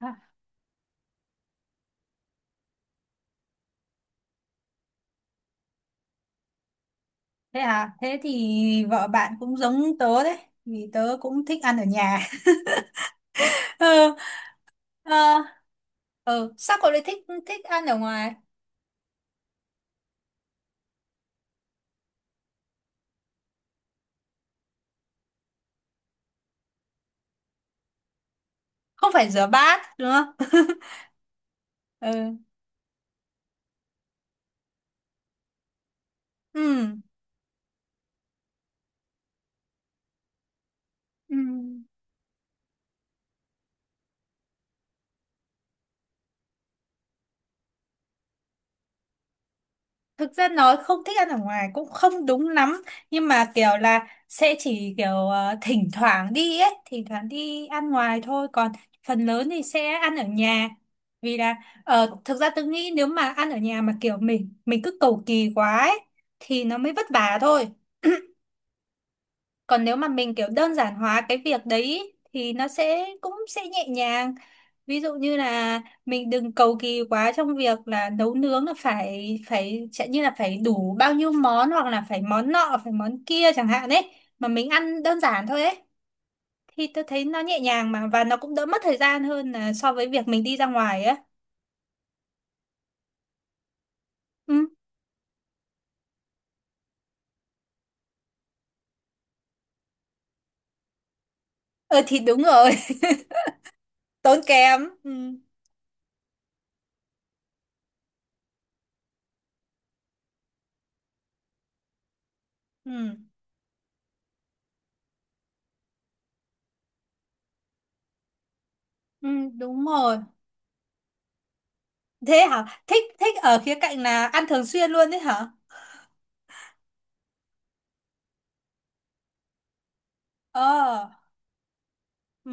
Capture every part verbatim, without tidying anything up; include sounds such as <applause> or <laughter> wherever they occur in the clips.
À. Thế à? Thế thì vợ bạn cũng giống tớ đấy, vì tớ cũng thích ăn ở nhà. <laughs> ờ, ờ, ờ, Sao cậu lại thích thích ăn ở ngoài? Không phải rửa bát đúng không? <laughs> Ừ. Ừ. Ừ. Thực ra nói không thích ăn ở ngoài cũng không đúng lắm, nhưng mà kiểu là sẽ chỉ kiểu ờ, thỉnh thoảng đi ấy thỉnh thoảng đi ăn ngoài thôi, còn phần lớn thì sẽ ăn ở nhà. Vì là ờ, thực ra tôi nghĩ nếu mà ăn ở nhà mà kiểu mình mình cứ cầu kỳ quá ấy, thì nó mới vất vả thôi. <clears throat> Còn nếu mà mình kiểu đơn giản hóa cái việc đấy ý, thì nó sẽ cũng sẽ nhẹ nhàng. Ví dụ như là mình đừng cầu kỳ quá trong việc là nấu nướng, là phải phải chẳng như là phải đủ bao nhiêu món hoặc là phải món nọ phải món kia chẳng hạn ấy, mà mình ăn đơn giản thôi ấy, thì tôi thấy nó nhẹ nhàng mà, và nó cũng đỡ mất thời gian hơn là so với việc mình đi ra ngoài á. Ừ. Ờ thì đúng rồi. <laughs> Tốn kém. Ừ. Ừ. Ừ, đúng rồi. Thế hả? Thích thích ở khía cạnh là ăn thường xuyên luôn đấy hả? Ờ. Ừ.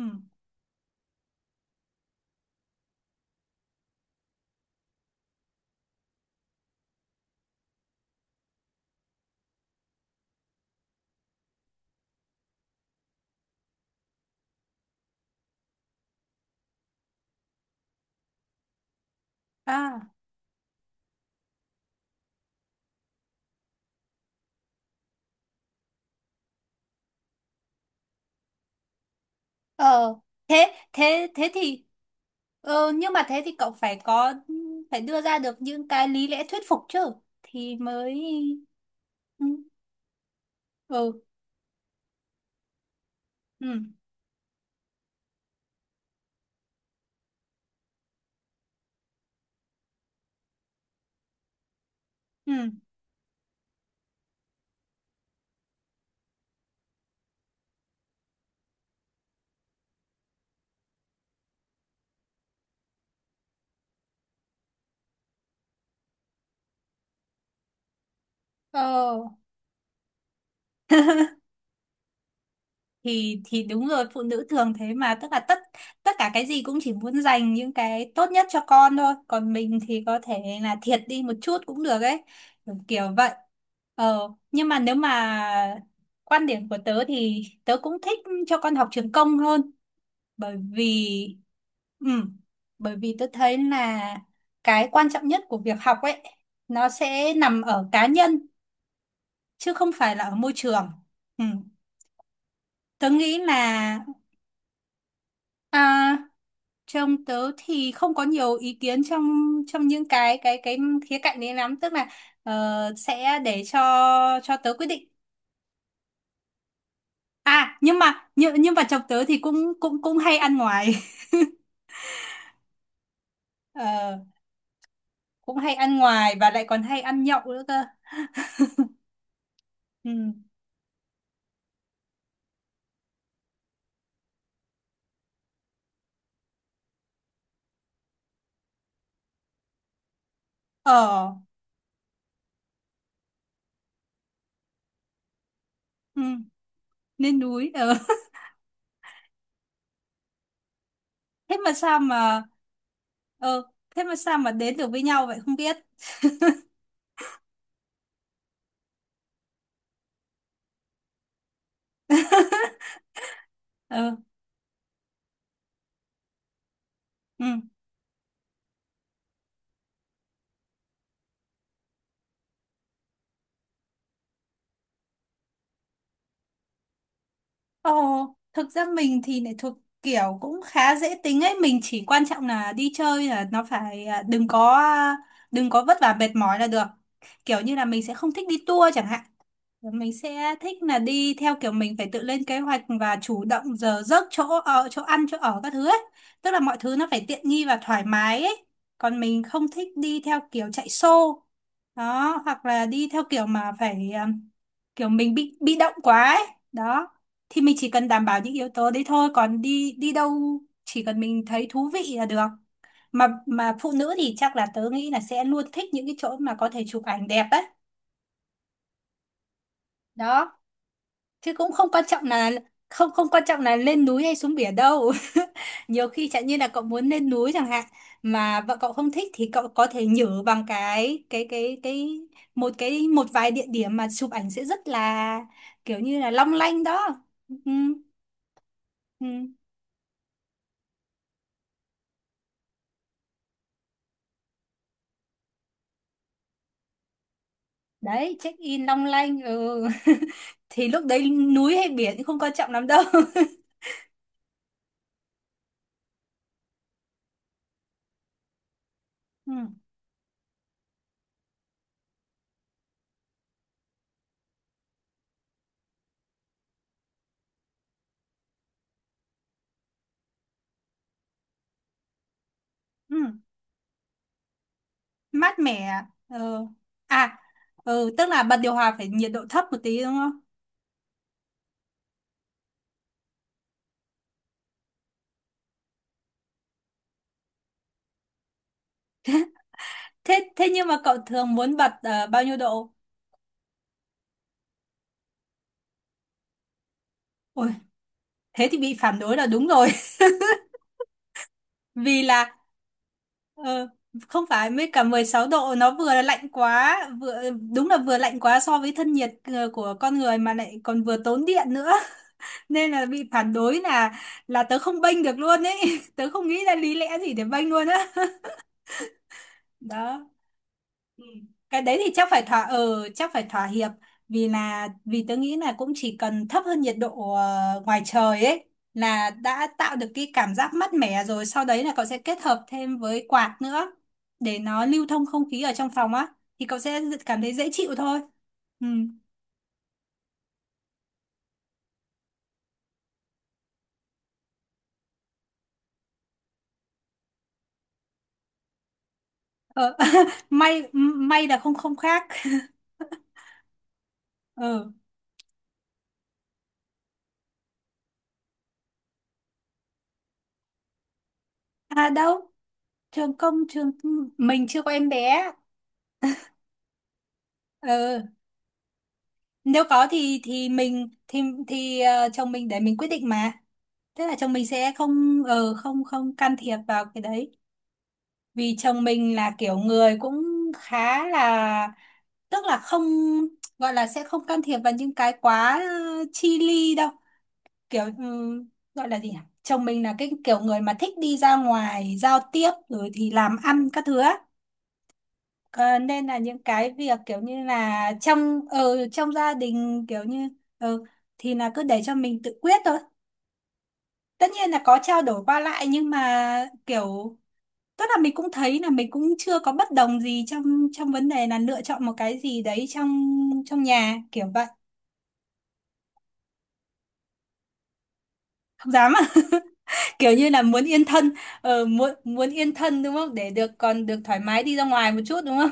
À. Ờ. thế thế thế thì ờ, Nhưng mà thế thì cậu phải có phải đưa ra được những cái lý lẽ thuyết phục chứ, thì mới. Ừ. Ừ. Ừ. Ừ. ờ thì thì đúng rồi, phụ nữ thường thế mà, tức là tất tất cả cái gì cũng chỉ muốn dành những cái tốt nhất cho con thôi, còn mình thì có thể là thiệt đi một chút cũng được ấy, kiểu, kiểu vậy. Ờ nhưng mà nếu mà quan điểm của tớ thì tớ cũng thích cho con học trường công hơn, bởi vì ừ, bởi vì tớ thấy là cái quan trọng nhất của việc học ấy, nó sẽ nằm ở cá nhân chứ không phải là ở môi trường. Ừ. Tớ nghĩ là à, trong tớ thì không có nhiều ý kiến trong trong những cái cái cái khía cạnh đấy lắm, tức là ờ, sẽ để cho cho tớ quyết định. À, nhưng mà nhưng nhưng mà chồng tớ thì cũng cũng cũng hay ăn ngoài. <laughs> Ờ, cũng hay ăn ngoài và lại còn hay ăn nhậu nữa cơ. Ừ. Ở. Ừ. Lên núi. Ờ. <laughs> thế mà sao mà ờ Thế mà sao mà đến được với nhau vậy không biết. Ờ. Ừ. Ồ, thực ra mình thì lại thuộc kiểu cũng khá dễ tính ấy, mình chỉ quan trọng là đi chơi là nó phải à, đừng có à, đừng có vất vả mệt mỏi là được. Kiểu như là mình sẽ không thích đi tour chẳng hạn, mình sẽ thích là đi theo kiểu mình phải tự lên kế hoạch và chủ động giờ giấc, chỗ ở, chỗ ăn, chỗ ở các thứ ấy, tức là mọi thứ nó phải tiện nghi và thoải mái ấy, còn mình không thích đi theo kiểu chạy xô đó, hoặc là đi theo kiểu mà phải um, kiểu mình bị bị động quá ấy, đó. Thì mình chỉ cần đảm bảo những yếu tố đấy thôi, còn đi đi đâu chỉ cần mình thấy thú vị là được. Mà mà phụ nữ thì chắc là tớ nghĩ là sẽ luôn thích những cái chỗ mà có thể chụp ảnh đẹp ấy, đó, chứ cũng không quan trọng là không không quan trọng là lên núi hay xuống biển đâu. <laughs> Nhiều khi chẳng như là cậu muốn lên núi chẳng hạn, mà vợ cậu không thích, thì cậu có thể nhử bằng cái cái cái cái một cái, một vài địa điểm mà chụp ảnh sẽ rất là kiểu như là long lanh đó. Ừ. Ừ. Đấy, check in long lanh. Ừ. <laughs> Thì lúc đấy núi hay biển cũng không quan trọng lắm đâu. <laughs> Ừ. Ừ. Mát mẻ. Ừ. À. Ừ, tức là bật điều hòa phải nhiệt độ thấp một tí đúng không? Thế thế nhưng mà cậu thường muốn bật ờ, bao nhiêu độ? Ôi, thế thì bị phản đối là đúng rồi. <laughs> Vì là ờ, không phải mới cả mười sáu độ nó vừa là lạnh quá, vừa đúng là vừa lạnh quá so với thân nhiệt ờ, của con người mà lại còn vừa tốn điện nữa. <laughs> Nên là bị phản đối là là tớ không bênh được luôn ấy. <laughs> Tớ không nghĩ ra lý lẽ gì để bênh luôn á. Đó. Ừ. Cái đấy thì chắc phải thỏa ờ chắc phải thỏa hiệp, vì là vì tớ nghĩ là cũng chỉ cần thấp hơn nhiệt độ ờ, ngoài trời ấy là đã tạo được cái cảm giác mát mẻ rồi, sau đấy là cậu sẽ kết hợp thêm với quạt nữa để nó lưu thông không khí ở trong phòng á, thì cậu sẽ cảm thấy dễ chịu thôi. Ừ. ờ, <laughs> may may là không không khác. <laughs> Ừ. À đâu, trường công trường mình chưa có em bé. Ừ. Nếu có thì thì mình thì thì ờ, chồng mình để mình quyết định mà. Thế là chồng mình sẽ không ờ, không không can thiệp vào cái đấy. Vì chồng mình là kiểu người cũng khá là, tức là không, gọi là sẽ không can thiệp vào những cái quá ờ, chi ly đâu. Kiểu ừm, gọi là gì nhỉ? Chồng mình là cái kiểu người mà thích đi ra ngoài giao tiếp rồi thì làm ăn các thứ á. Ờ, Nên là những cái việc kiểu như là trong ờ, trong gia đình kiểu như ờ, thì là cứ để cho mình tự quyết thôi, tất nhiên là có trao đổi qua lại nhưng mà kiểu, tức là mình cũng thấy là mình cũng chưa có bất đồng gì trong trong vấn đề là lựa chọn một cái gì đấy trong trong nhà kiểu vậy. Không dám à? <laughs> Kiểu như là muốn yên thân. ờ, muốn muốn yên thân đúng không, để được còn được thoải mái đi ra ngoài một chút đúng không?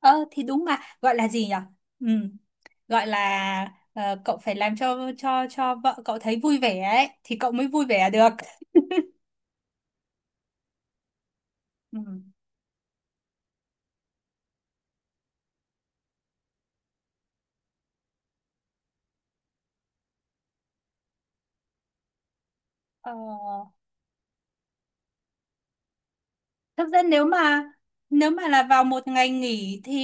Ờ thì đúng mà, gọi là gì nhở. Ừ. Gọi là ờ, cậu phải làm cho cho cho vợ cậu thấy vui vẻ ấy thì cậu mới vui vẻ được. <laughs> Ừ. Ờ, thực ra nếu mà nếu mà là vào một ngày nghỉ thì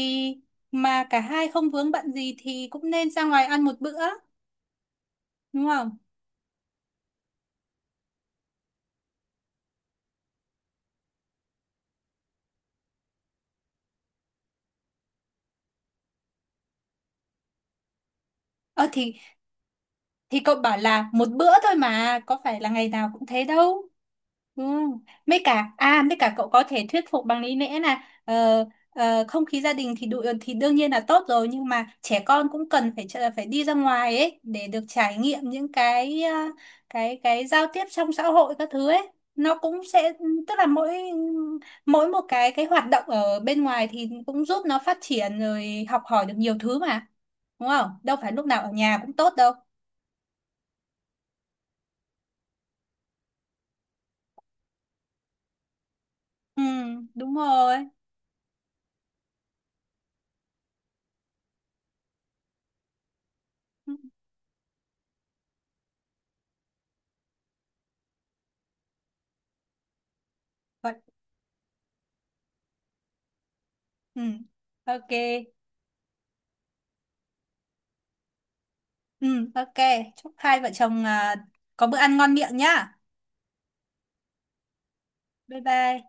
mà cả hai không vướng bận gì thì cũng nên ra ngoài ăn một bữa, đúng không? Ờ thì thì cậu bảo là một bữa thôi mà, có phải là ngày nào cũng thế đâu. Ừ. Mấy cả à mấy cả cậu có thể thuyết phục bằng lý lẽ là ờ, ờ, không khí gia đình thì đủ thì đương nhiên là tốt rồi, nhưng mà trẻ con cũng cần phải trở- phải đi ra ngoài ấy để được trải nghiệm những cái ờ, cái cái giao tiếp trong xã hội các thứ ấy, nó cũng sẽ tức là mỗi mỗi một cái cái hoạt động ở bên ngoài thì cũng giúp nó phát triển rồi học hỏi được nhiều thứ mà, đúng không, đâu phải lúc nào ở nhà cũng tốt đâu. Ừ, đúng rồi. Ừ. Vậy. Ừ. Ok. Ừ, ok. Chúc hai vợ chồng à, có bữa ăn ngon miệng nhá. Bye bye.